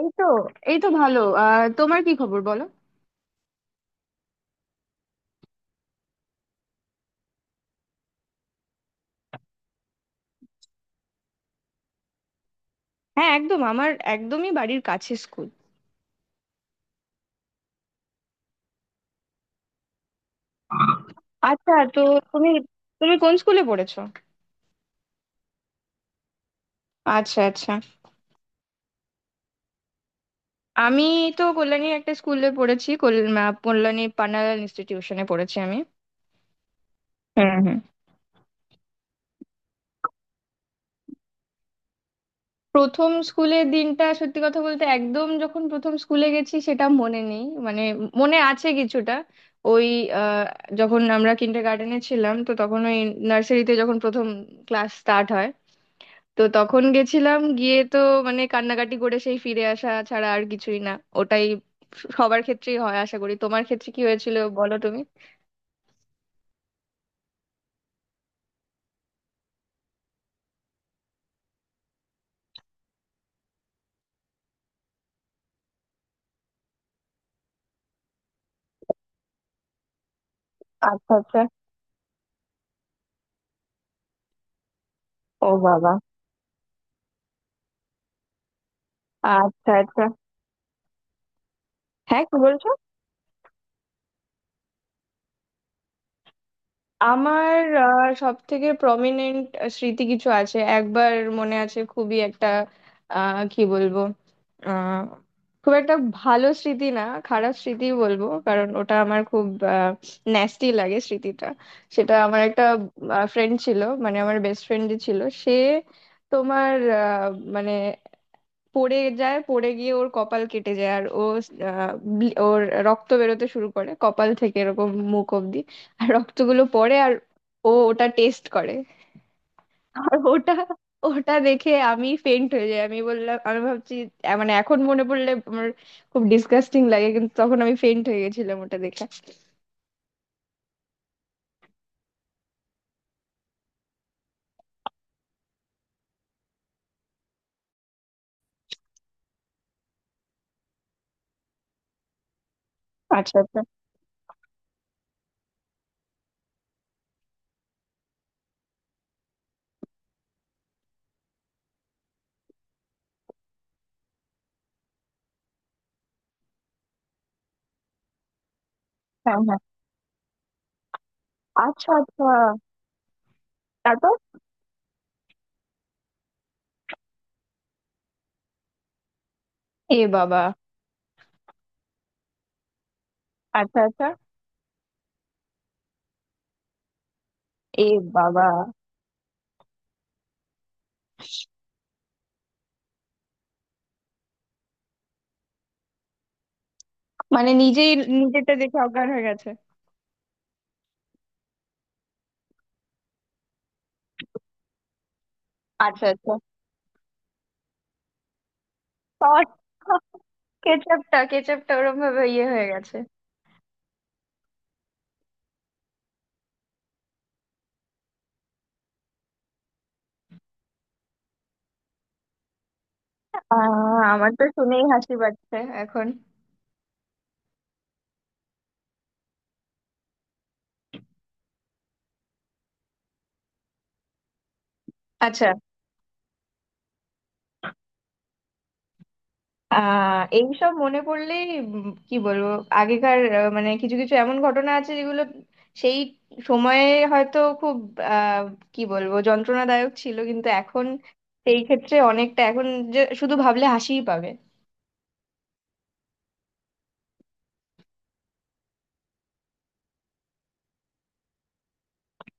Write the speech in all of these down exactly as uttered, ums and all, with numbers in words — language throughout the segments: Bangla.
এই তো। এই তো ভালো। আহ তোমার কি খবর বলো? হ্যাঁ, একদম আমার একদমই বাড়ির কাছে স্কুল। আচ্ছা, তো তুমি তুমি কোন স্কুলে পড়েছো? আচ্ছা, আচ্ছা। আমি তো কল্যাণীর একটা স্কুলে পড়েছি, কল- আহ, কল্যাণী পান্নালাল ইনস্টিটিউশনে পড়েছি আমি। হুম, হুম। প্রথম স্কুলের দিনটা সত্যি কথা বলতে একদম যখন প্রথম স্কুলে গেছি সেটা মনে নেই, মানে মনে আছে কিছুটা। ওই আহ, যখন আমরা কিন্ডার গার্ডেনে ছিলাম তো তখন ওই নার্সারিতে যখন প্রথম ক্লাস স্টার্ট হয়, তো তখন গেছিলাম, গিয়ে তো মানে কান্নাকাটি করে সেই ফিরে আসা ছাড়া আর কিছুই না। ওটাই সবার ক্ষেত্রেই হয়, আশা করি। তোমার ক্ষেত্রে কি হয়েছিল বলো তুমি? আচ্ছা, আচ্ছা। ও বাবা! আচ্ছা, আচ্ছা। হ্যাঁ, কি বলছো? আমার সব থেকে প্রমিনেন্ট স্মৃতি কিছু আছে একবার। মনে আছে খুবই একটা। আহ কি বলবো, আহ খুব একটা ভালো স্মৃতি না, খারাপ স্মৃতি বলবো, কারণ ওটা আমার খুব ন্যাস্টি লাগে স্মৃতিটা। সেটা আমার একটা ফ্রেন্ড ছিল, মানে আমার বেস্ট ফ্রেন্ড ছিল। সে তোমার, আহ, মানে পড়ে যায়, পড়ে গিয়ে ওর কপাল কেটে যায়, আর ও আহ, ব্লি- ওর রক্ত বেরোতে শুরু করে কপাল থেকে এরকম মুখ অবধি, আর রক্তগুলো পড়ে, আর ও ওটা টেস্ট করে। আর ওটা ওটা দেখে আমি ফেন্ট হয়ে যাই। আমি বললাম আমি ভাবছি আহ, মানে এখন মনে পড়লে আমার খুব ডিসগাস্টিং লাগে, কিন্তু তখন আমি ফেন্ট হয়ে গেছিলাম ওটা দেখে। আচ্ছা, আচ্ছা। হ্যাঁ, হ্যাঁ। আচ্ছা, আচ্ছা। তারপর? এ বাবা! আচ্ছা, আচ্ছা। এ বাবা, মানে নিজেই নিজেরটা দেখে অজ্ঞান হয়ে গেছে? আচ্ছা, আচ্ছা। সস, কেচাপটা, কেচাপটা ওরম ভাবে ইয়ে হয়ে গেছে। আহ আমার তো শুনেই হাসি পাচ্ছে এখন। আচ্ছা। আহ এইসব মনে পড়লেই উম কি বলবো, আগেকার আহ, মানে কিছু কিছু এমন ঘটনা আছে যেগুলো সেই সময়ে হয়তো খুব আহ কি বলবো, যন্ত্রণাদায়ক ছিল, কিন্তু এখন সেই ক্ষেত্রে অনেকটা এখন যে শুধু ভাবলে হাসিই পাবে।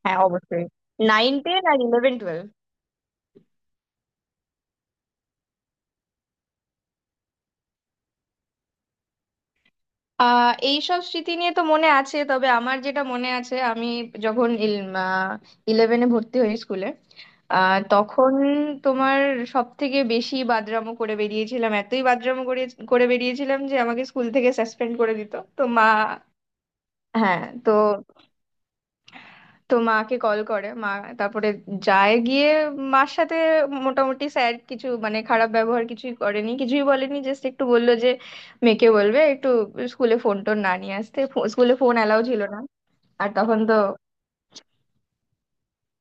হ্যাঁ, অবশ্যই। নাইন টেন আর ইলেভেন টুয়েলভ। আহ এইসব স্মৃতি নিয়ে তো মনে আছে, তবে আমার যেটা মনে আছে, আমি যখন ইলেভেনে ভর্তি হই স্কুলে, আহ, তখন তোমার সব থেকে বেশি বাদরামো করে বেরিয়েছিলাম, এতই বাদরামো করে করে বেরিয়েছিলাম যে আমাকে স্কুল থেকে সাসপেন্ড করে দিত, তো মা। হ্যাঁ, তো তো মাকে কল করে, মা তারপরে যায়, গিয়ে মার সাথে মোটামুটি স্যার কিছু মানে খারাপ ব্যবহার কিছুই করেনি কিছুই বলেনি, জাস্ট একটু বললো যে মেয়েকে বলবে একটু স্কুলে ফোন টোন না নিয়ে আসতে। স্কুলে ফোন অ্যালাউ ছিল না। আর তখন তো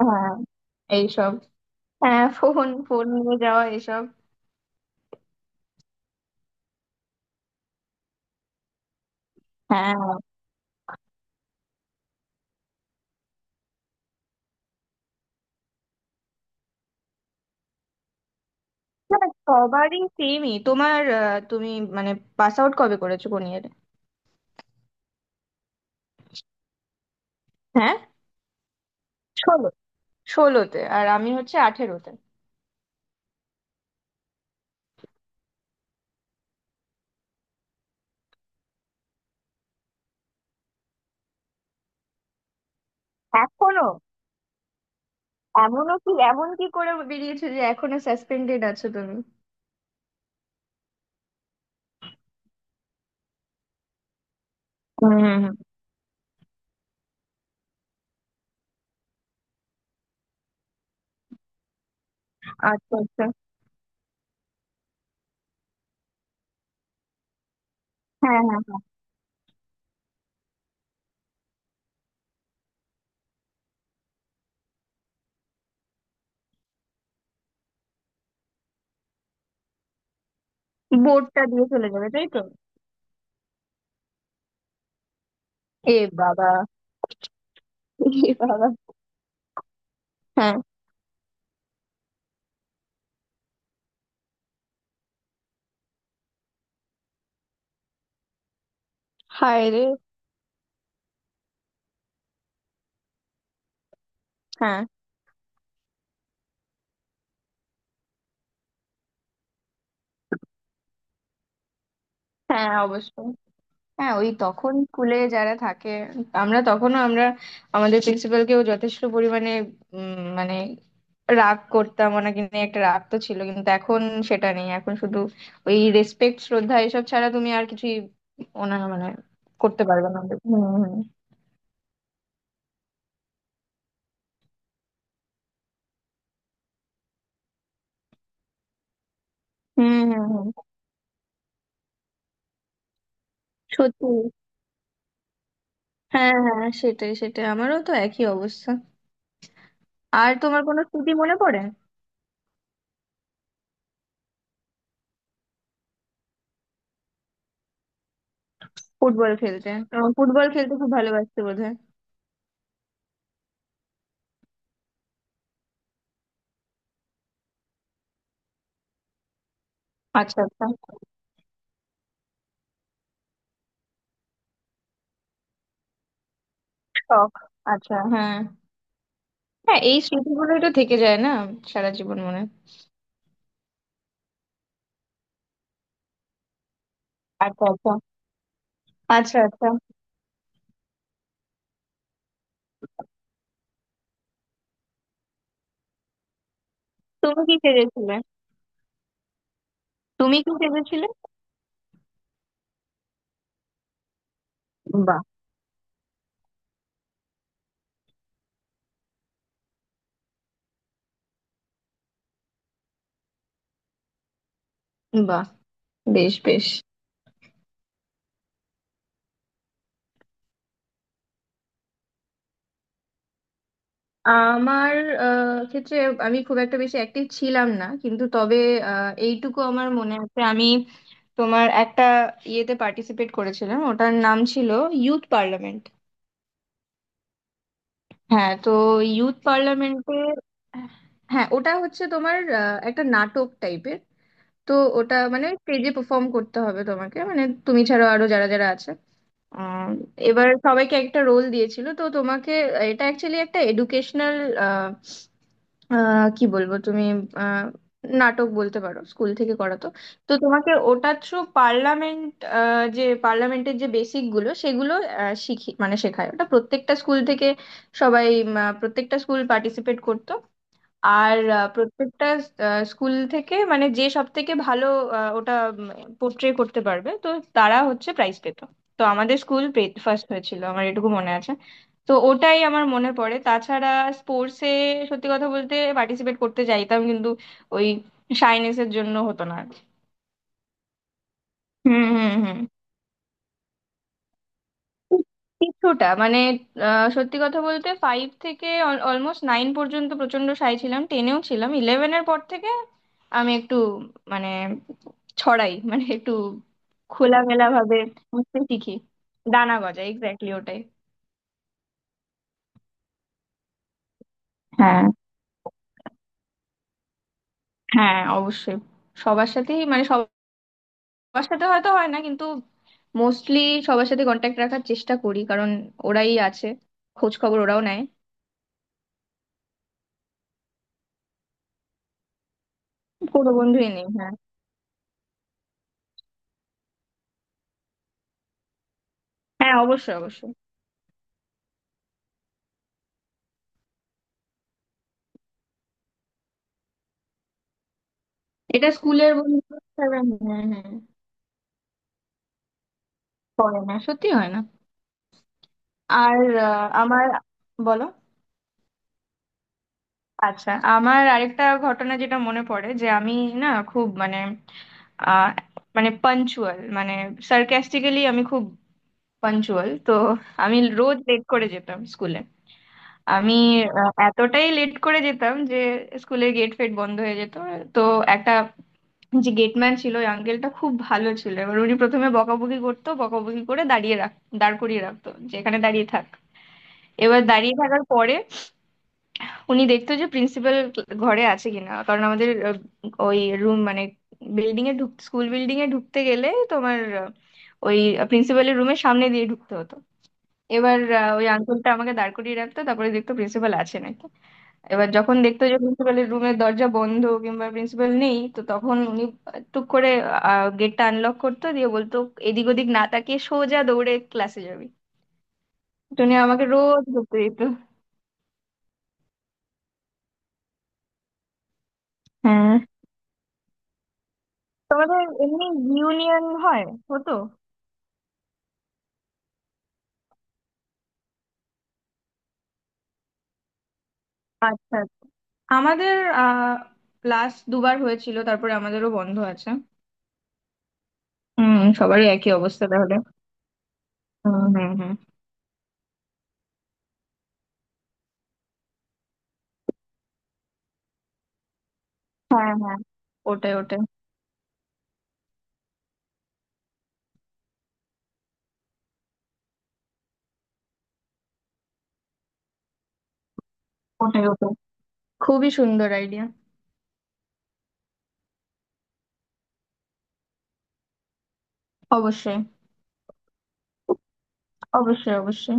হ্যাঁ, এইসব। হ্যাঁ, ফোন ফোন নিয়ে যাওয়া এসব। হ্যাঁ। না, সবারই সেমই। তোমার আহ, তুমি মানে পাস আউট কবে করেছো, কোন ইয়ারে? হ্যাঁ, ষোলো। ষোলোতে আর আমি হচ্ছে আঠেরোতে। এখনো? এমনও কি, এমন কি করে বেরিয়েছো যে এখনো সাসপেন্ডেড আছো তুমি? হুম, হুম, হুম। আচ্ছা, আচ্ছা। হ্যাঁ, হ্যাঁ, হ্যাঁ। বোর্ডটা দিয়ে চলে যাবে, তাই তো? এ বাবা! এ বাবা! হ্যাঁ। হায় রে! হ্যাঁ, হ্যাঁ, অবশ্যই। হ্যাঁ, ওই তখন স্কুলে যারা থাকে, আমরা তখনও, আমরা আমাদের প্রিন্সিপালকেও যথেষ্ট পরিমাণে উম, মানে রাগ করতাম। ওনাকে নিয়ে একটা রাগ তো ছিল, কিন্তু এখন সেটা নেই। এখন শুধু ওই রেসপেক্ট, শ্রদ্ধা, এসব ছাড়া তুমি আর কিছুই ওনার মানে করতে পারবে না। হুম, হুম, হুম, হুম, হুম। সত্যি। হ্যাঁ, হ্যাঁ, সেটাই সেটাই, আমারও তো একই অবস্থা। আর তোমার কোনো স্মৃতি মনে পড়ে? ফুটবল খেলতে, তোমার ফুটবল খেলতে খুব ভালোবাসতে বোধহয়? আচ্ছা, আচ্ছা। শখ। আচ্ছা, হ্যাঁ, হ্যাঁ, এই স্মৃতিগুলোই তো থেকে যায় না সারা জীবন মনে। আচ্ছা, আচ্ছা, আচ্ছা, আচ্ছা। তুমি কি সেজেছিলে? তুমি কি সেজেছিলে? বাহ, বাহ! বেশ, বেশ। আমার আহ, ক্ষেত্রে আমি খুব একটা বেশি অ্যাক্টিভ ছিলাম না, কিন্তু তবে আহ, এইটুকু আমার মনে আছে, আমি তোমার একটা ইয়েতে পার্টিসিপেট করেছিলাম, ওটার নাম ছিল ইউথ পার্লামেন্ট। হ্যাঁ, তো ইউথ পার্লামেন্টে। হ্যাঁ, ওটা হচ্ছে তোমার আহ, একটা নাটক টাইপের। তো ওটা মানে স্টেজে পারফর্ম করতে হবে তোমাকে, মানে তুমি ছাড়াও আরো যারা যারা আছে। আহ, এবার সবাইকে একটা রোল দিয়েছিল, তো তোমাকে এটা অ্যাকচুয়ালি একটা এডুকেশনাল, কি বলবো তুমি, আহ, নাটক বলতে পারো, স্কুল থেকে করাতো। তো তোমাকে ওটা থ্রু পার্লামেন্ট, যে পার্লামেন্টের যে বেসিক গুলো সেগুলো আহ, শিখি, মানে শেখায় ওটা। প্রত্যেকটা স্কুল থেকে সবাই উম, আহ, প্রত্যেকটা স্কুল পার্টিসিপেট করতো। আর আহ, প্রত্যেকটা আহ, স্কুল থেকে মানে যে সব থেকে ভালো আহ, ওটা পোর্ট্রে করতে পারবে, তো তারা হচ্ছে প্রাইজ পেত। তো আমাদের স্কুল ফার্স্ট হয়েছিল, আমার এটুকু মনে আছে। তো ওটাই আমার মনে পড়ে। তাছাড়া স্পোর্টসে সত্যি কথা বলতে পার্টিসিপেট করতে চাইতাম, কিন্তু ওই শাইনেসের জন্য হতো না আর কি। হুম, হুম, হুম। কিছুটা মানে আহ, সত্যি কথা বলতে ফাইভ থেকে অলমোস্ট নাইন পর্যন্ত প্রচন্ড সাই ছিলাম, টেনেও ছিলাম। ইলেভেনের পর থেকে আমি একটু মানে ছড়াই, মানে একটু খোলামেলা ভাবে বুঝতে শিখি। দানা গজায় এক্স্যাক্টলি ওটাই। হ্যাঁ, হ্যাঁ, অবশ্যই। সবার সাথেই মানে সবার সাথে হয়তো হয় না, কিন্তু মোস্টলি সবার সাথে কন্ট্যাক্ট রাখার চেষ্টা করি, কারণ ওরাই আছে, খোঁজ খবর ওরাও নেয়। কোনো বন্ধুই নেই, হ্যাঁ। হ্যাঁ, অবশ্যই, অবশ্যই। এটা স্কুলের বন্ধু। হ্যাঁ। হ্যাঁ, পড়ে না, সত্যি হয় না। আর আহ, আমার বলো। আচ্ছা, আমার আরেকটা ঘটনা যেটা মনে পড়ে, যে আমি না, খুব মানে আহ, মানে পাঞ্চুয়াল, মানে সার্কাস্টিক্যালি আমি খুব পাঞ্চুয়াল, তো আমি রোজ লেট করে যেতাম স্কুলে। আমি আহ, এতটাই লেট করে যেতাম যে স্কুলের গেট ফেট বন্ধ হয়ে যেত। তো একটা যে গেটম্যান ছিল, ওই আঙ্কেলটা খুব ভালো ছিল। এবার উনি প্রথমে বকাবকি করতো, বকাবকি করে দাঁড়িয়ে রাখ দাঁড় করিয়ে রাখতো যে এখানে দাঁড়িয়ে থাক। এবার দাঁড়িয়ে থাকার পরে উনি দেখতো যে প্রিন্সিপাল ঘরে আছে কিনা, কারণ আমাদের আহ, ওই রুম মানে বিল্ডিং এ ঢুক স্কুল বিল্ডিং এ ঢুকতে গেলে তোমার আহ, ওই প্রিন্সিপালের রুমের সামনে দিয়ে ঢুকতে হতো। এবার আহ, ওই আঙ্কেলটা আমাকে দাঁড় করিয়ে রাখতো, তারপরে দেখতো প্রিন্সিপাল আছে নাকি। এবার যখন দেখতো যে প্রিন্সিপালের রুমের দরজা বন্ধ কিংবা প্রিন্সিপাল নেই, তো তখন উনি টুক করে গেটটা আনলক করতো, দিয়ে বলতো, এদিক ওদিক না তাকিয়ে সোজা দৌড়ে ক্লাসে যাবি। তো উনি আমাকে রোজ ধরতে দিত। হ্যাঁ, তোমাদের এমনি ইউনিয়ন হয়, হতো? আচ্ছা, আচ্ছা। আমাদের আহ ক্লাস দুবার হয়েছিল, তারপরে আমাদেরও বন্ধ আছে। হুম, সবারই একই অবস্থা তাহলে। হুম, হুম, হুম। হ্যাঁ, হ্যাঁ। ওটাই, ওটাই, ওটাই, ওটাই খুবই সুন্দর আইডিয়া। অবশ্যই, অবশ্যই, অবশ্যই।